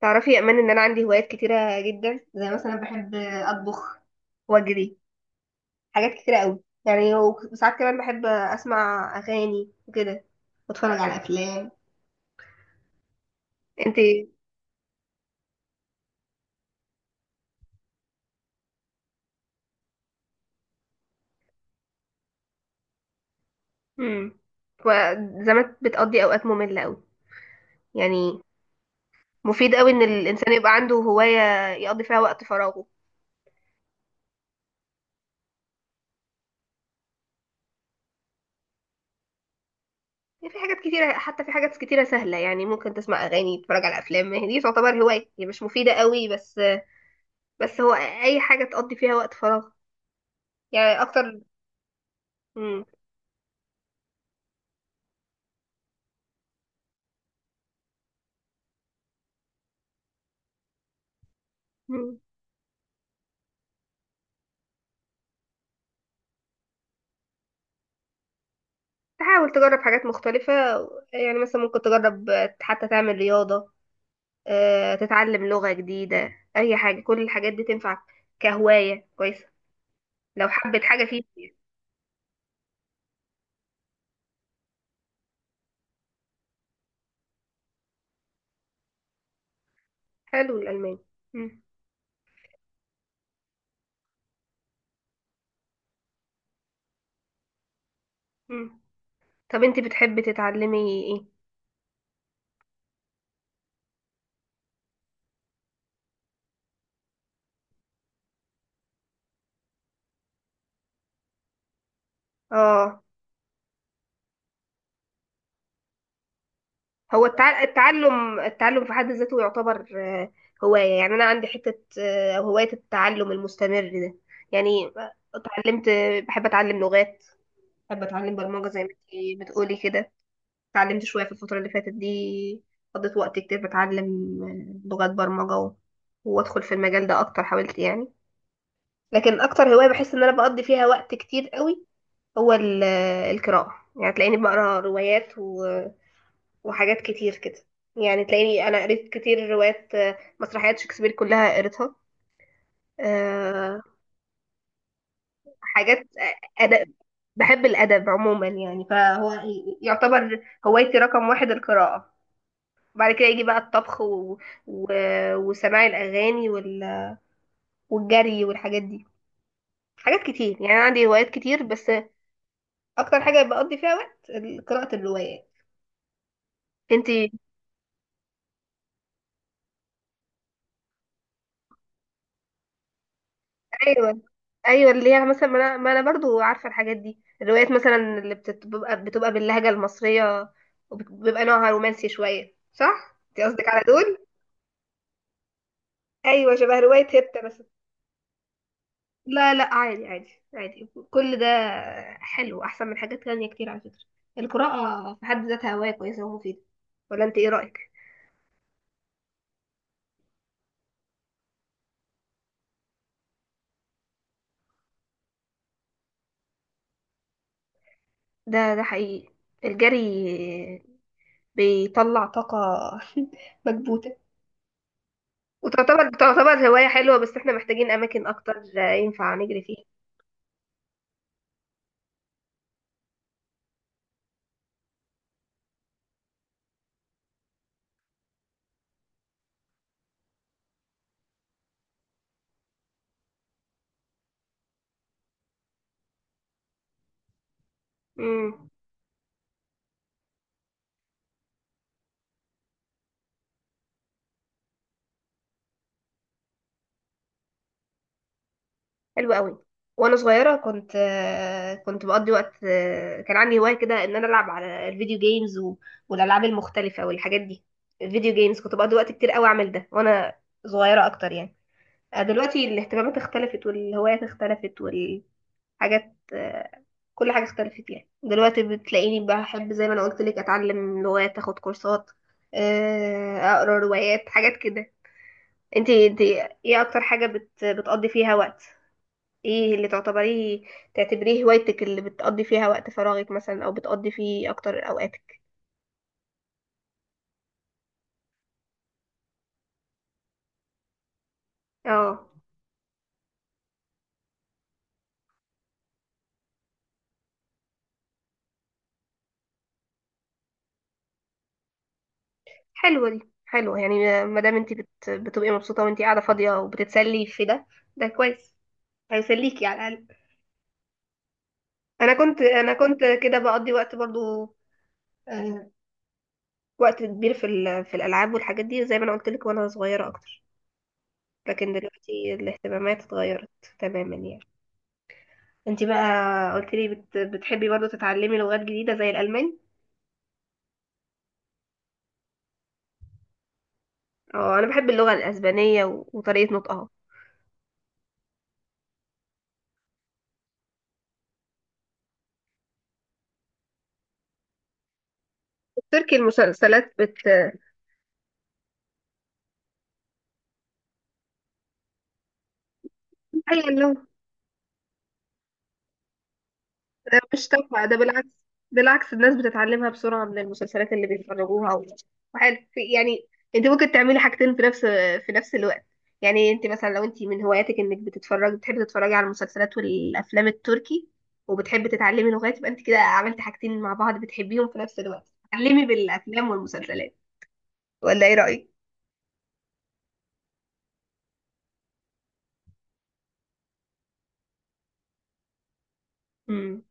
تعرفي يا امان ان انا عندي هوايات كتيره جدا، زي مثلا بحب اطبخ واجري حاجات كتيره قوي يعني، وساعات كمان بحب اسمع اغاني وكده واتفرج على افلام. انت امم. وزمان بتقضي اوقات ممله قوي، يعني مفيد قوي ان الانسان يبقى عنده هوايه يقضي فيها وقت فراغه. يعني في حاجات كتيره، حتى في حاجات كتيره سهله، يعني ممكن تسمع اغاني، تتفرج على افلام. ما هي دي تعتبر هوايه، هي مش مفيده قوي بس هو اي حاجه تقضي فيها وقت فراغ يعني اكتر. مم. مم. تحاول تجرب حاجات مختلفة. يعني مثلا ممكن تجرب حتى تعمل رياضة. تتعلم لغة جديدة. أي حاجة، كل الحاجات دي تنفعك كهواية كويسة لو حبت حاجة فيه. حلو الألماني. مم. مم. طب أنت بتحبي تتعلمي إيه؟ آه هو التعلم في حد ذاته يعتبر هواية. يعني أنا عندي حتة هواية التعلم المستمر ده يعني. اتعلمت، بحب أتعلم لغات، بحب أتعلم برمجة زي ما أنت بتقولي كده. اتعلمت شوية في الفترة اللي فاتت دي، قضيت وقت كتير بتعلم لغات برمجة وادخل في المجال ده اكتر، حاولت يعني. لكن اكتر هواية بحس ان انا بقضي فيها وقت كتير قوي هو القراءة. يعني تلاقيني بقرا روايات وحاجات كتير كده. يعني تلاقيني انا قريت كتير روايات، مسرحيات شكسبير كلها قريتها. آه، حاجات أدب. بحب الأدب عموما يعني، فهو يعتبر هوايتي رقم واحد القراءة. وبعد كده يجي بقى الطبخ و... وسماع الاغاني والجري والحاجات دي. حاجات كتير يعني، انا عندي هوايات كتير بس. اكتر حاجه بقضي فيها وقت قراءه الروايات. انتي؟ ايوه، ايوه اللي هي مثلا ما انا برضو عارفه الحاجات دي، الروايات مثلا اللي بتبقى باللهجه المصريه، وبيبقى نوعها رومانسي شويه. صح، انت قصدك على دول؟ ايوه، شبه روايه هبته مثلا. لا لا عادي عادي عادي كل ده. حلو، احسن من حاجات تانية كتير على فكرة. القراءة في حد ذاتها هواية كويسة ومفيدة، ولا انت ايه رأيك؟ ده حقيقي، الجري بيطلع طاقة مكبوتة. وتعتبر هواية حلوة، بس احنا محتاجين اماكن اكتر ينفع نجري فيها. مم. حلو قوي. وانا صغيره كنت، كنت بقضي وقت، كان عندي هوايه كده ان انا العب على الفيديو جيمز والالعاب المختلفه والحاجات دي. الفيديو جيمز كنت بقضي وقت كتير قوي اعمل ده وانا صغيره اكتر يعني. دلوقتي الاهتمامات اختلفت والهوايات اختلفت والحاجات، كل حاجه اختلفت يعني. دلوقتي بتلاقيني بحب زي ما انا قلت لك اتعلم لغات، اخد كورسات، اقرا روايات حاجات كده. انتي ايه اكتر حاجه بتقضي فيها وقت، ايه اللي تعتبريه هوايتك اللي بتقضي فيها وقت فراغك مثلا، او بتقضي فيه اكتر اوقاتك؟ اه، حلوه دي، حلوه يعني ما دام انت بتبقي مبسوطه وانت قاعده فاضيه وبتتسلي في ده، ده كويس، هيسليكي على الاقل. انا كنت كده بقضي وقت برضو، آه، وقت كبير في الالعاب والحاجات دي زي ما انا قلت لك وانا صغيره اكتر. لكن دلوقتي الاهتمامات اتغيرت تماما يعني. انت بقى قلت لي بتحبي برضو تتعلمي لغات جديده زي الالماني. اه، انا بحب اللغة الاسبانية وطريقة نطقها. التركي، المسلسلات هي اللغة. أنا مش تافهة ده، بالعكس. بالعكس الناس بتتعلمها بسرعة من المسلسلات اللي بيتفرجوها وحاجة يعني، انت ممكن تعملي حاجتين في نفس الوقت. يعني انت مثلا لو انت من هواياتك انك بتتفرجي، بتحبي تتفرجي على المسلسلات والافلام التركي، وبتحبي تتعلمي لغات، يبقى انت كده عملتي حاجتين مع بعض بتحبيهم في نفس الوقت، تتعلمي بالافلام والمسلسلات. ولا ايه رأيك؟ امم،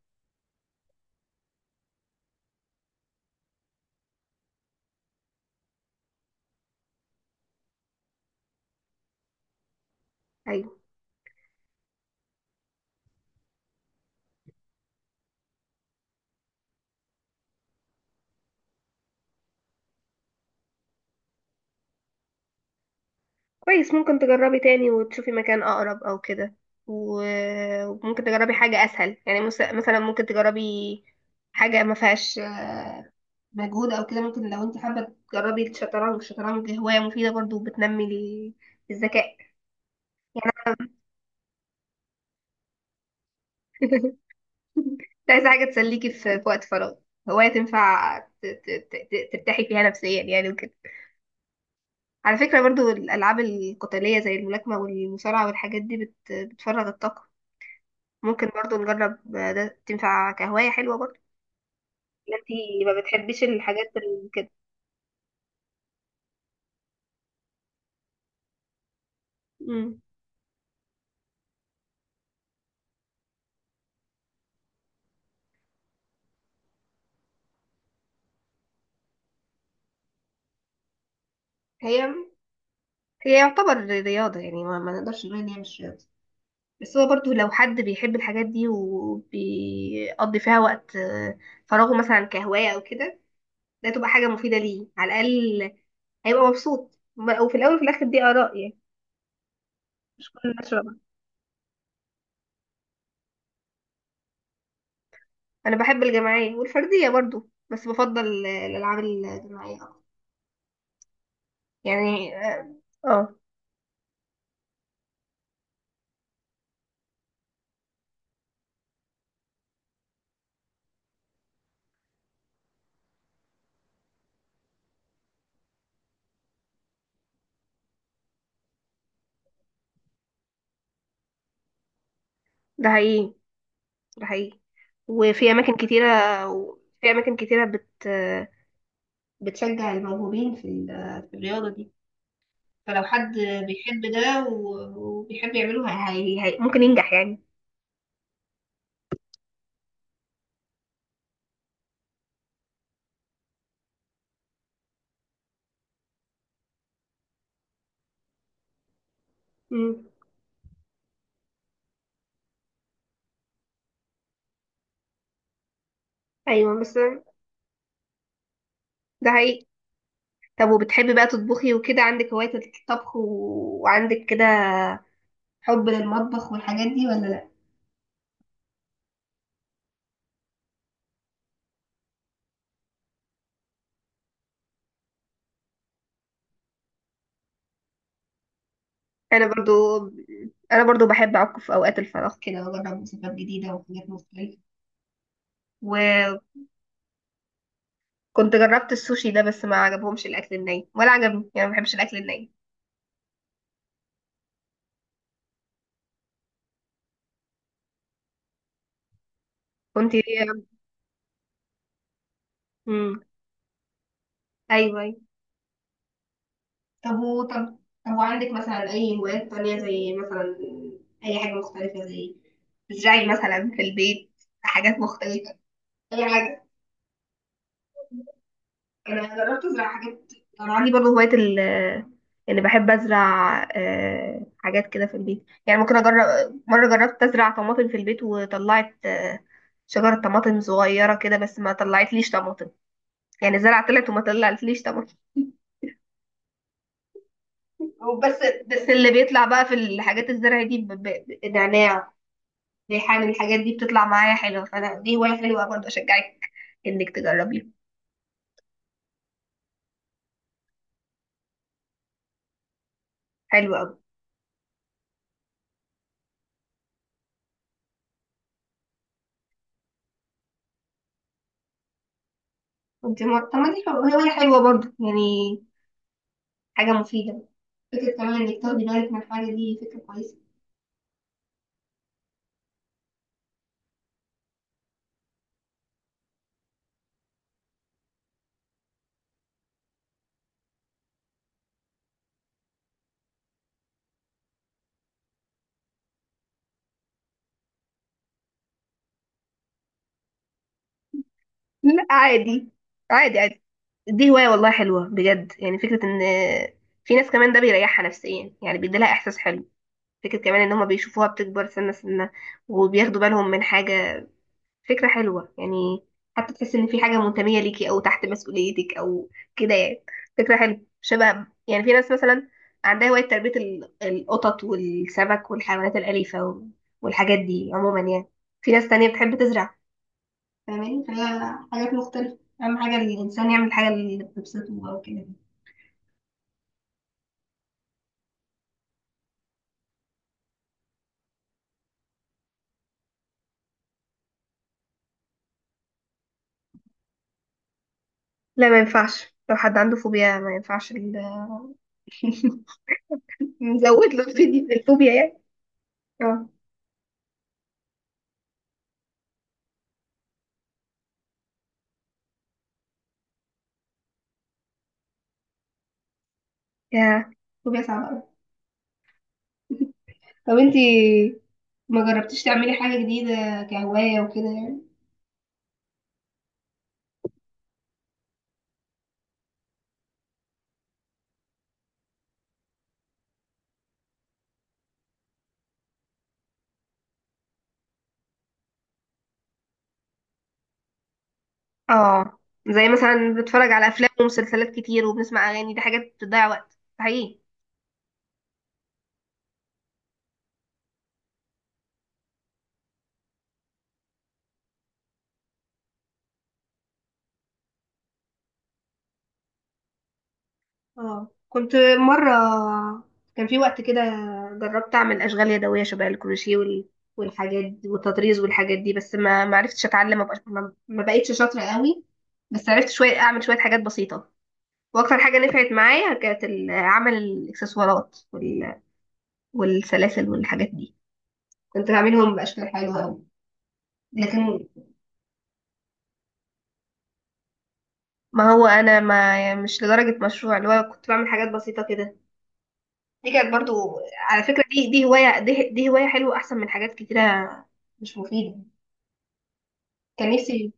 كويس. ممكن تجربي تاني وتشوفي مكان أقرب أو كده، وممكن تجربي حاجة أسهل يعني. مثلا ممكن تجربي حاجة ما فيهاش مجهود أو كده. ممكن لو أنت حابة تجربي الشطرنج، الشطرنج هواية مفيدة برضو وبتنمي الذكاء يعني. أنت عايزة حاجة تسليكي في وقت فراغ، هواية تنفع ترتاحي فيها نفسيا يعني وكده. على فكرة برضو الألعاب القتالية زي الملاكمة والمصارعة والحاجات دي بتفرغ الطاقة. ممكن برضو نجرب ده، تنفع كهواية حلوة برضو، إن انتي ما بتحبيش الحاجات كده. مم. هي هي يعتبر رياضة يعني، ما نقدرش نقول ان هي مش رياضة. بس هو برضو لو حد بيحب الحاجات دي وبيقضي فيها وقت فراغه مثلا كهواية او كده، ده تبقى حاجة مفيدة ليه على الأقل. هيبقى مبسوط وفي الأول وفي الآخر دي آراء يعني، مش كل الناس شبه بعض. أنا بحب الجماعية والفردية برضو، بس بفضل الألعاب الجماعية أكتر يعني، اه. آه، ده حقيقي، ده حقيقي، وفي أماكن كتيرة. في أماكن كتيرة بتشجع الموهوبين في الرياضة دي. فلو حد بيحب ده وبيحب يعمله، ممكن ينجح يعني. مم. أيوة بس ده حقيقي. طب وبتحبي بقى تطبخي وكده؟ عندك هواية الطبخ وعندك كده حب للمطبخ والحاجات دي ولا لأ؟ أنا برضو أنا برضو بحب أعك في أوقات الفراغ كده وأجرب وصفات جديدة وحاجات مختلفة و... كنت جربت السوشي ده، بس ما عجبهمش الاكل الني ولا عجبني يعني، ما بحبش الاكل الني. كنت امم، ايوه ايوه. طب و طب طب وعندك مثلا اي هوايات تانية؟ زي مثلا اي حاجه مختلفه، زي تزرعي مثلا في البيت حاجات مختلفه، اي حاجه. انا جربت ازرع حاجات. انا عندي برضه هوايه يعني بحب ازرع حاجات كده في البيت، يعني ممكن اجرب. مره جربت ازرع طماطم في البيت وطلعت شجره طماطم صغيره كده، بس ما طلعتليش طماطم يعني. زرع طلعت وما طلعتليش طبعا. بس بس اللي بيطلع بقى في الحاجات الزرع دي نعناع، ريحان، الحاجات دي بتطلع معايا حلوة. فانا دي هواية حلوة برضه، اشجعك انك تجربيها. حلوة قوي. انت ما، طب ما دي هواية حلوة برضه يعني، حاجة مفيدة. فكرة كمان انك تاخدي بالك من الحاجة دي، فكرة كويسة. لا عادي عادي عادي. دي هواية والله حلوة بجد يعني. فكرة ان في ناس كمان ده بيريحها نفسيا يعني، بيديلها احساس حلو. فكرة كمان ان هما بيشوفوها بتكبر سنة سنة، وبياخدوا بالهم من حاجة، فكرة حلوة يعني. حتى تحس ان في حاجة منتمية ليكي او تحت مسؤوليتك او كده يعني، فكرة حلوة. شبه يعني في ناس مثلا عندها هواية تربية القطط والسمك والحيوانات الأليفة والحاجات دي عموما يعني. في ناس تانية بتحب تزرع، فاهماني؟ فهي حاجات مختلفة، أهم حاجة الإنسان يعمل الحاجة اللي بتبسطه أو كده. لا ما ينفعش لو حد عنده فوبيا، ما ينفعش نزود له الفوبيا يعني. اه. يا فوبيا صعبة أوي. طب انتي، ما جربتيش تعملي حاجة جديدة كهواية وكده يعني؟ اه، زي مثلا بتفرج على افلام ومسلسلات كتير وبنسمع اغاني، دي حاجات بتضيع وقت حقيقي. اه، كنت مرة، كان في وقت كده جربت أعمل أشغال يدوية شبه الكروشيه والحاجات دي والتطريز والحاجات دي، بس ما عرفتش أتعلم، ما بقاش- ما ما بقيتش شاطرة قوي. بس عرفت شوية أعمل شوية حاجات بسيطة. وأكتر حاجة نفعت معايا كانت عمل الإكسسوارات والسلاسل والحاجات دي، كنت بعملهم بأشكال حلوة أوي. لكن، ما هو انا ما يعني مش لدرجة مشروع، اللي هو كنت بعمل حاجات بسيطة كده، دي كانت برضو. على فكرة دي هواية دي هواية حلوة، احسن من حاجات كتيرة مش مفيدة. كان نفسي.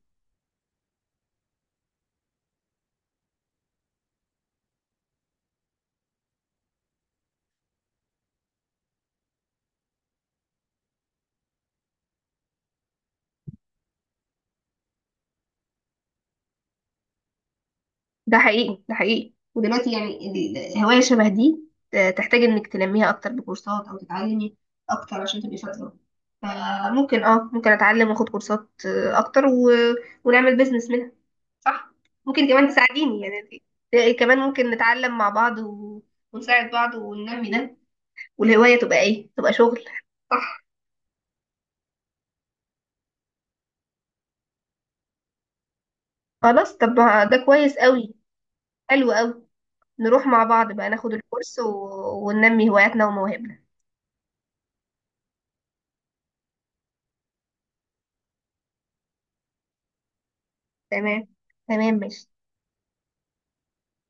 ده حقيقي، ده حقيقي، ودلوقتي يعني هواية شبه دي تحتاج انك تنميها اكتر بكورسات او تتعلمي أكتر عشان تبقي شاطرة. فممكن اه، ممكن اتعلم واخد كورسات اكتر ونعمل بيزنس منها. صح. ممكن كمان تساعديني يعني، كمان ممكن نتعلم مع بعض ونساعد بعض وننمي ده، والهواية تبقى ايه؟ تبقى شغل. صح. خلاص طب ما ده كويس قوي. حلو قوي، نروح مع بعض بقى ناخد الكورس وننمي هواياتنا ومواهبنا. تمام، تمام، ماشي.